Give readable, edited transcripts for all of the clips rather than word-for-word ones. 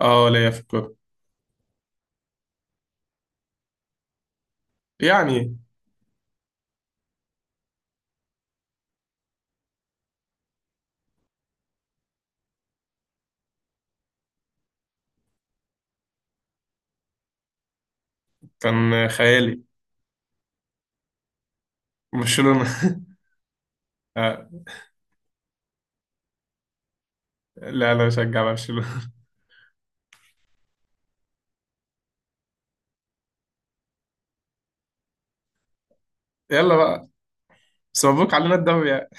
اه، ليا في الكورة. يعني كان خيالي. برشلونة. آه، لا لا بشجع برشلونة. يلا بقى. بس مبروك علينا الدوري يعني.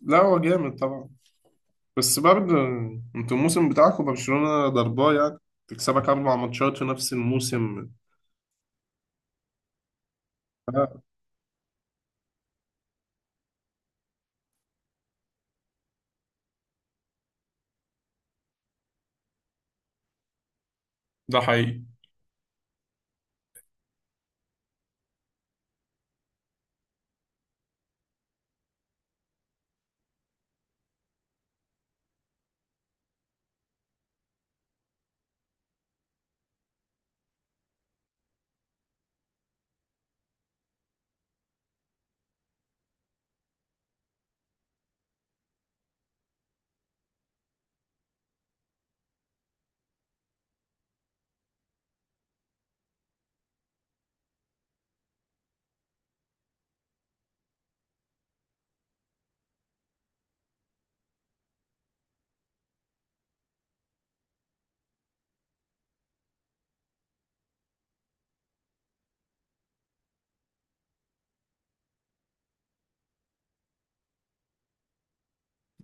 لا هو جامد طبعا. بس برضه انتوا الموسم بتاعكم برشلونة ضرباه يعني. تكسبك 4 ماتشات في نفس الموسم. آه، ده حقيقي.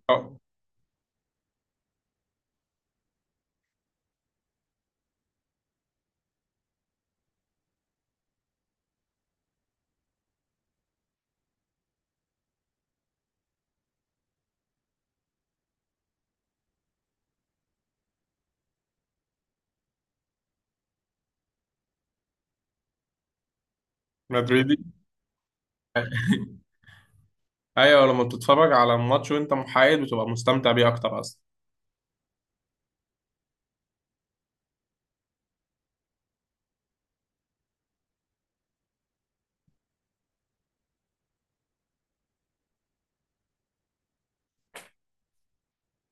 اه، مدريدي. ايوه، لما بتتفرج على الماتش وانت محايد بتبقى مستمتع بيه اكتر اصلا.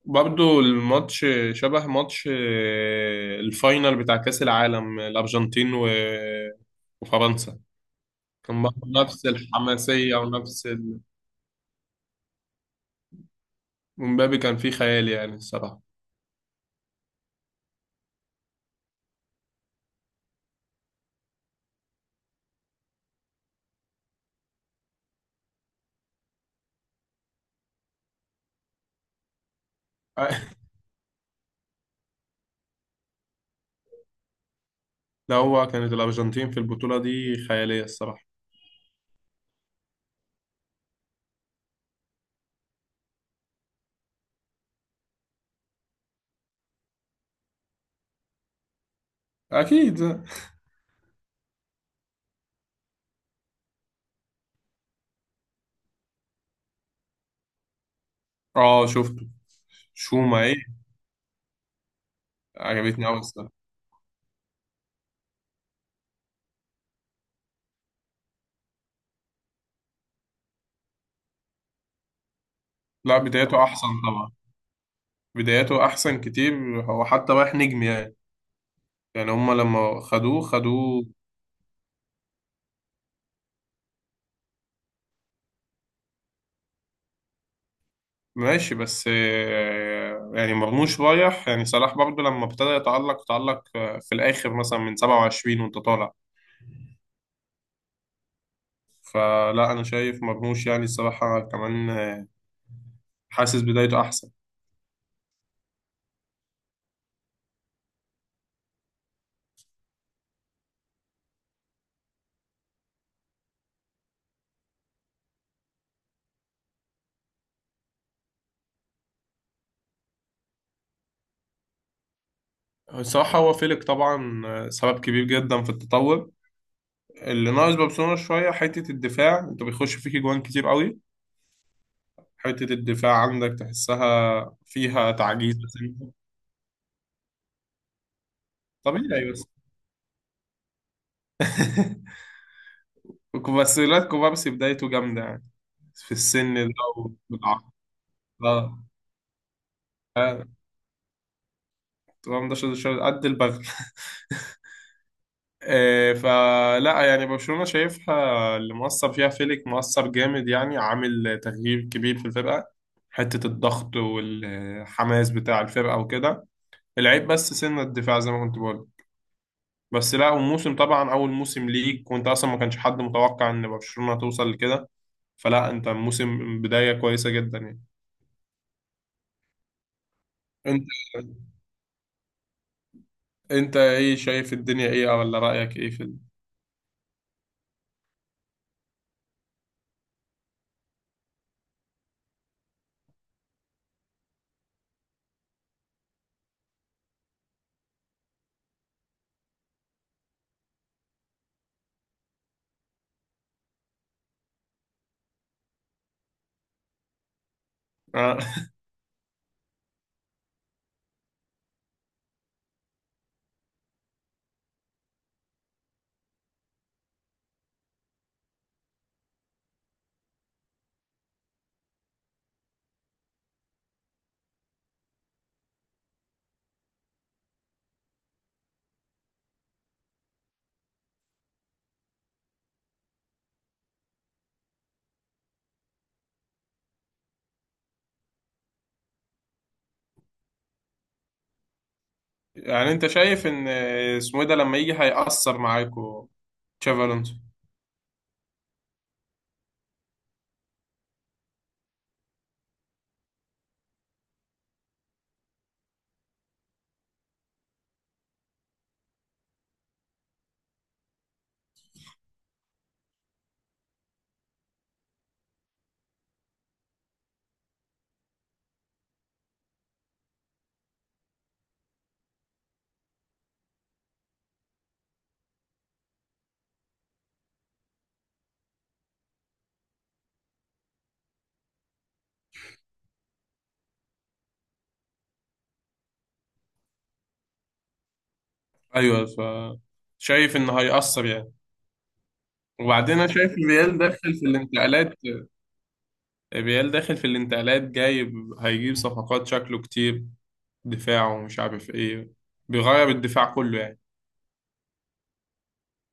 برضو الماتش شبه ماتش الفاينل بتاع كأس العالم، الأرجنتين و- وفرنسا. كان برضو نفس الحماسية. ومبابي كان فيه خيال يعني الصراحة. لا، هو كانت الأرجنتين في البطولة دي خيالية الصراحة. أكيد. اه، شفته. شوما ايه؟ عجبتني أوي الصراحة. لا، بدايته أحسن طبعا. بدايته أحسن كتير. هو حتى رايح نجم يعني. يعني هما لما خدوه خدوه. ماشي، بس يعني مرموش رايح، يعني صلاح برضو لما ابتدى يتألق تألق في الآخر مثلا من 27 وأنت طالع. فلا أنا شايف مرموش، يعني الصراحة كمان حاسس بدايته أحسن. الصراحة هو فيليك طبعا، سبب كبير جدا في التطور. اللي ناقص برشلونة شوية حتة الدفاع، أنت بيخش فيك جوان كتير قوي. حتة الدفاع عندك تحسها فيها تعجيز بس. طبيعي بس. وكوفاسيلاتكو بقى، بس لا كوبارسي بدايته جامدة يعني في السن ده. والعقل. اه. آه. تمام. ده قد البغل. فلا يعني برشلونة شايفها، اللي مؤثر فيها فيليك، مؤثر جامد يعني، عامل تغيير كبير في الفرقة. حتة الضغط والحماس بتاع الفرقة وكده. العيب بس سن الدفاع زي ما كنت بقول. بس لا، وموسم طبعا أول موسم ليك وأنت أصلا ما كانش حد متوقع إن برشلونة توصل لكده. فلا أنت موسم بداية كويسة جدا يعني. أنت انت ايه شايف، الدنيا ايه، ولا رأيك ايه؟ آه. يعني انت شايف ان اسمه إيه ده لما يجي هيأثر معاكوا، تشافي الونسو. ايوه. شايف انه هيأثر يعني. وبعدين انا شايف ريال داخل في الانتقالات جايب. هيجيب صفقات شكله كتير، دفاعه ومش عارف ايه. بيغير الدفاع كله يعني.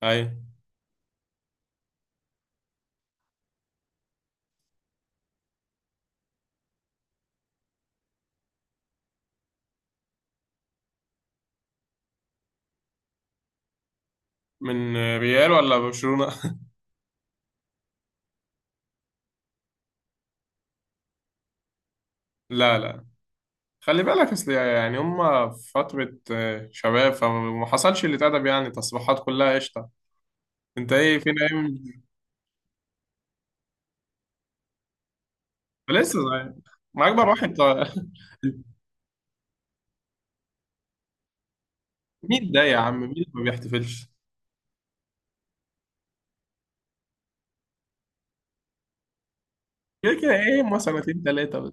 ايوه. من ريال ولا برشلونة؟ لا لا. خلي بالك، اصل يعني هما في فترة شباب، فما حصلش اللي اتأدب يعني، تصريحات كلها قشطة. انت ايه، فينا ايه؟ لسه صغير. ما اكبر واحد. مين ده يا عم؟ مين ما بيحتفلش؟ كده كده ايه، هما سنتين تلاتة بس.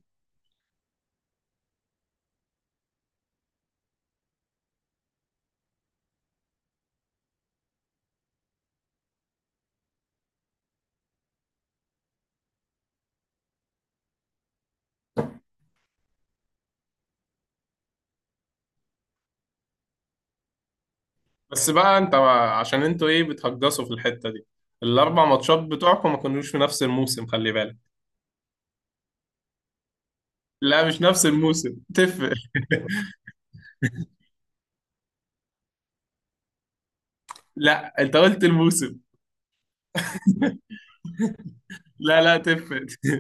بس بقى انت، عشان انتوا ايه بتهجصوا في الحتة دي؟ الاربع ماتشات بتوعكم ما كانوش في نفس الموسم، خلي بالك. لا، مش نفس الموسم، تفرق. لا، انت قلت الموسم. لا لا، تفرق.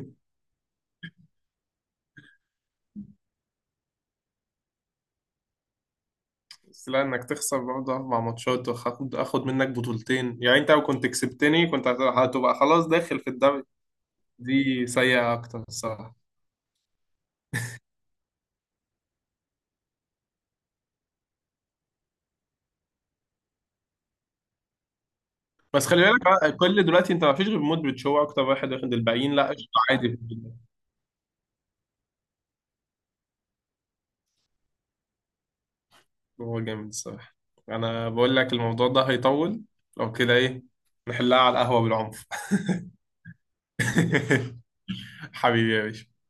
بس لا، انك تخسر برضه 4 ماتشات، واخد اخد منك بطولتين، يعني انت لو كنت كسبتني كنت هتبقى خلاص داخل في الدوري. دي سيئة اكتر الصراحة. بس خلي بالك بقى، كل دلوقتي انت ما فيش غير مودريتش، هو اكتر واحد واخد، الباقيين لا، قشطة عادي في الدنيا. هو جامد الصراحة. انا بقول لك الموضوع ده هيطول. لو كده، ايه نحلها على القهوة بالعنف. حبيبي يا باشا.